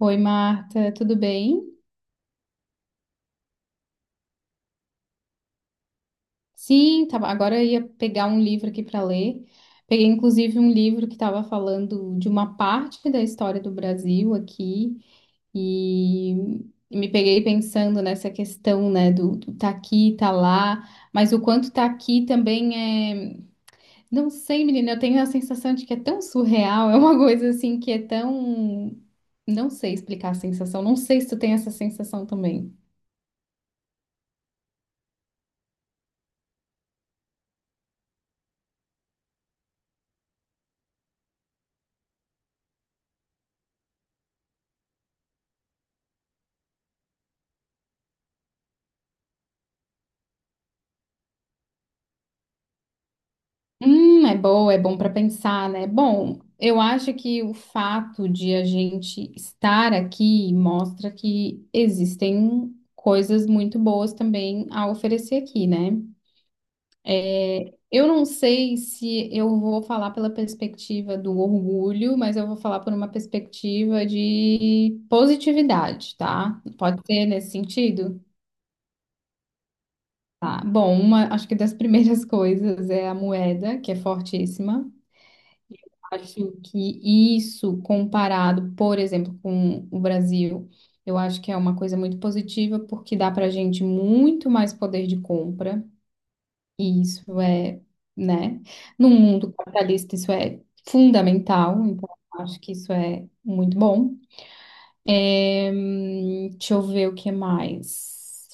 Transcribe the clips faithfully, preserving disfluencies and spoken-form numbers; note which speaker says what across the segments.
Speaker 1: Oi, Marta, tudo bem? Sim, tava, agora eu ia pegar um livro aqui para ler. Peguei inclusive um livro que estava falando de uma parte da história do Brasil aqui e, me peguei pensando nessa questão, né, do, do tá aqui, tá lá, mas o quanto tá aqui também é, não sei, menina, eu tenho a sensação de que é tão surreal, é uma coisa assim que é tão, não sei explicar a sensação, não sei se tu tem essa sensação também. Hum, é boa, é bom para pensar, né? Bom, eu acho que o fato de a gente estar aqui mostra que existem coisas muito boas também a oferecer aqui, né? É, eu não sei se eu vou falar pela perspectiva do orgulho, mas eu vou falar por uma perspectiva de positividade, tá? Pode ser nesse sentido? Tá. Bom, uma, acho que das primeiras coisas é a moeda, que é fortíssima. Acho que isso, comparado, por exemplo, com o Brasil, eu acho que é uma coisa muito positiva, porque dá para gente muito mais poder de compra, e isso é, né? No mundo capitalista, isso é fundamental, então eu acho que isso é muito bom. Hum, deixa eu ver o que mais.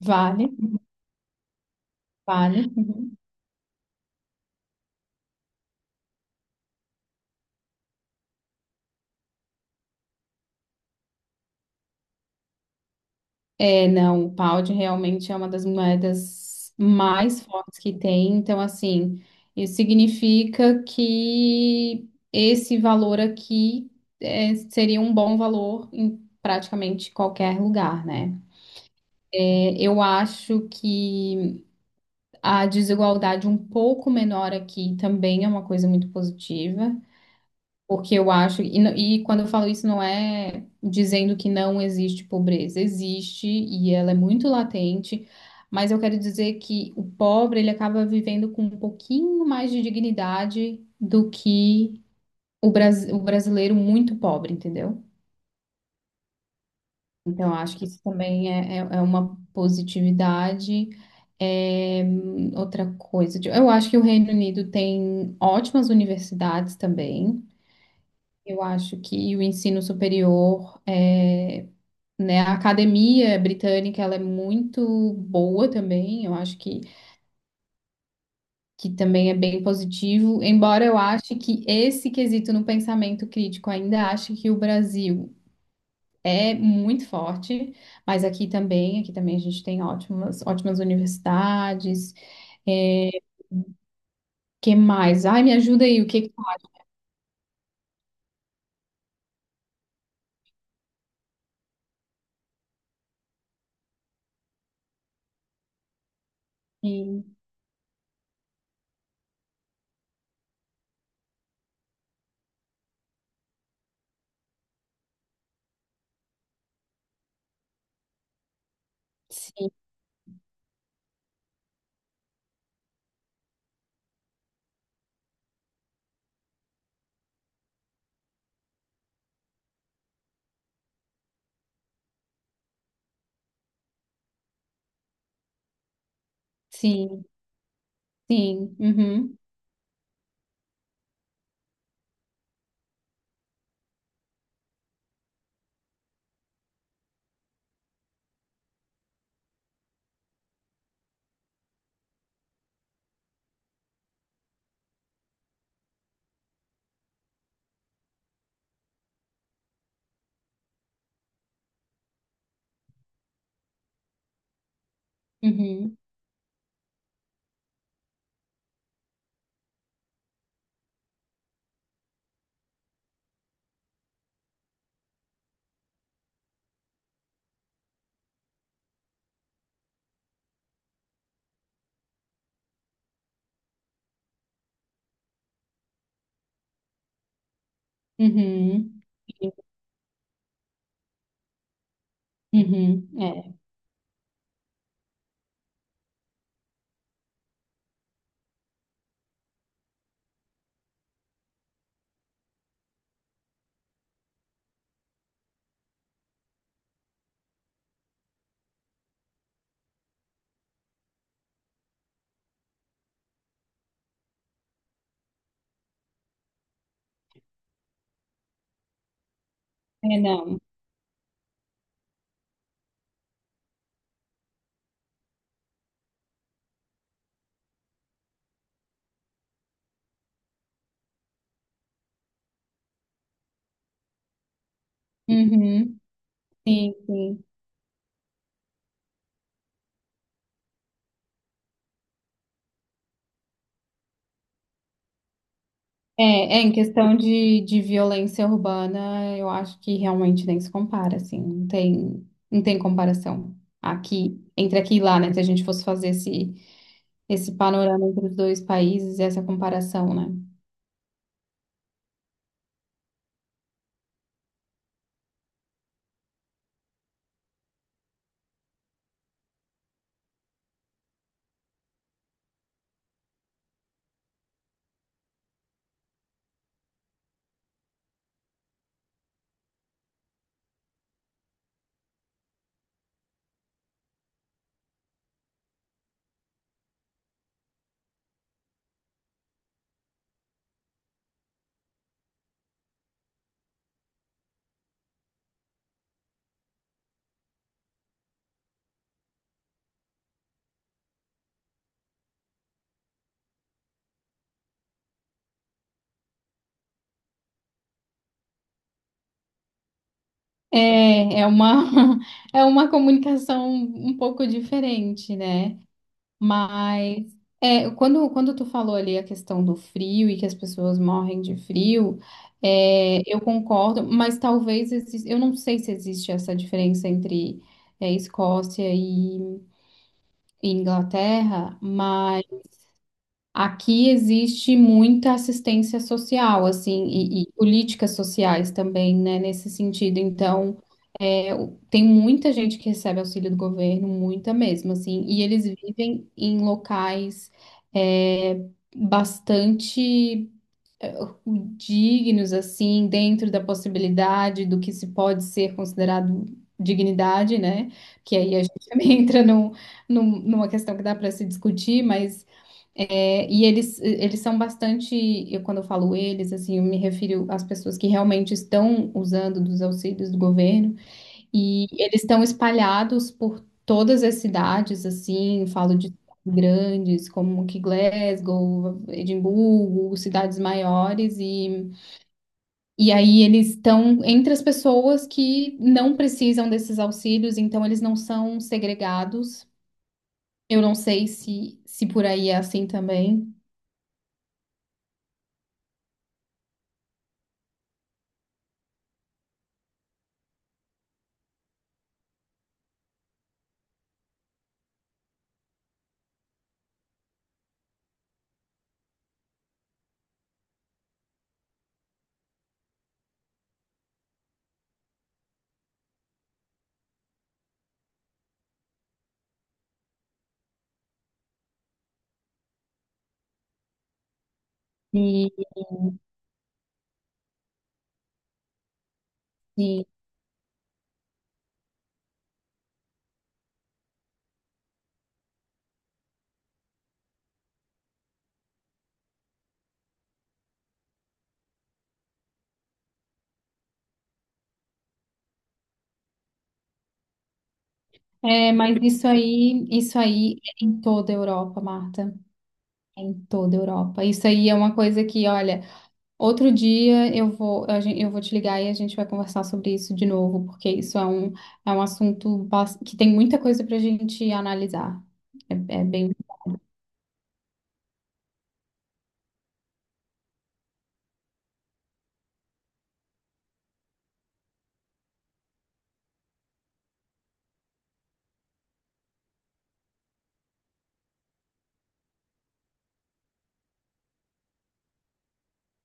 Speaker 1: Vale, vale. Uhum. É, não, o pound realmente é uma das moedas mais fortes que tem. Então, assim, isso significa que esse valor aqui é, seria um bom valor em praticamente qualquer lugar, né? É, eu acho que a desigualdade um pouco menor aqui também é uma coisa muito positiva. Porque eu acho, e, n- e quando eu falo isso, não é dizendo que não existe pobreza, existe e ela é muito latente, mas eu quero dizer que o pobre ele acaba vivendo com um pouquinho mais de dignidade do que o, bras, o brasileiro muito pobre, entendeu? Então, eu acho que isso também é, é, é uma positividade. É, hum, outra coisa, de- eu acho que o Reino Unido tem ótimas universidades também. Eu acho que o ensino superior, é, né, a academia britânica, ela é muito boa também, eu acho que, que também é bem positivo, embora eu ache que esse quesito no pensamento crítico ainda acho que o Brasil é muito forte, mas aqui também, aqui também a gente tem ótimas, ótimas universidades, é, que mais? Ai, me ajuda aí, o que que... Sim, sim, sim, sim, uhum, uhum, uhum. Uhum. Uhum, é, é não. Uhum, sim, sim. É, é, em questão de, de violência urbana, eu acho que realmente nem se compara, assim, não tem, não tem comparação aqui, entre aqui e lá, né? Se a gente fosse fazer esse, esse panorama entre os dois países, essa comparação, né? É, é uma, é uma comunicação um pouco diferente, né? Mas é, quando, quando tu falou ali a questão do frio e que as pessoas morrem de frio, é, eu concordo, mas talvez exis- eu não sei se existe essa diferença entre é, Escócia e, e Inglaterra, mas aqui existe muita assistência social, assim, e, e políticas sociais também, né, nesse sentido. Então eu- tem muita gente que recebe auxílio do governo, muita mesmo, assim, e eles vivem em locais é, bastante é, dignos, assim, dentro da possibilidade do que se pode ser considerado dignidade, né? Que aí a gente também entra num, num- numa questão que dá para se discutir, mas é, e eles, eles são bastante, eu quando eu falo eles, assim, eu me refiro às pessoas que realmente estão usando dos auxílios do governo. E eles estão espalhados por todas as cidades, assim, falo de grandes como que Glasgow, Edimburgo, cidades maiores, e, e aí eles estão entre as pessoas que não precisam desses auxílios, então eles não são segregados. Eu não sei se, se por aí é assim também. E, e- é, mas isso aí, isso aí é em toda a Europa, Marta. É em toda a Europa. Isso aí é uma coisa que, olha. Outro dia eu vou, a gen- eu vou te ligar e a gente vai conversar sobre isso de novo, porque isso é um, é um assunto bas- que tem muita coisa para a gente analisar. É, é bem.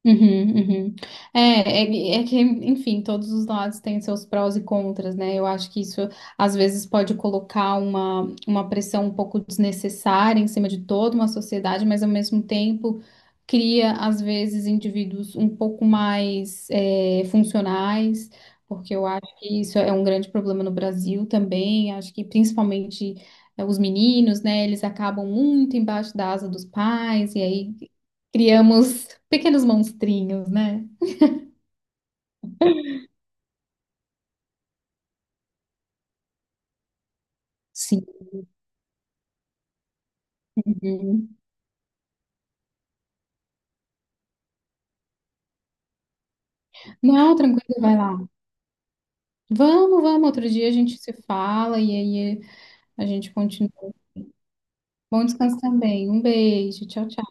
Speaker 1: Uhum, uhum. É, é, é que, enfim, todos os lados têm seus prós e contras, né? Eu acho que isso às vezes pode colocar uma, uma pressão um pouco desnecessária em cima de toda uma sociedade, mas ao mesmo tempo cria, às vezes, indivíduos um pouco mais é, funcionais, porque eu acho que isso é um grande problema no Brasil também. Acho que principalmente. É, os meninos, né? Eles acabam muito embaixo da asa dos pais, e aí criamos pequenos monstrinhos, né? Sim. Uhum. Não, tranquilo, vai lá. Vamos, vamos. Outro dia a gente se fala e aí a gente continua. Bom descanso também. Um beijo. Tchau, tchau.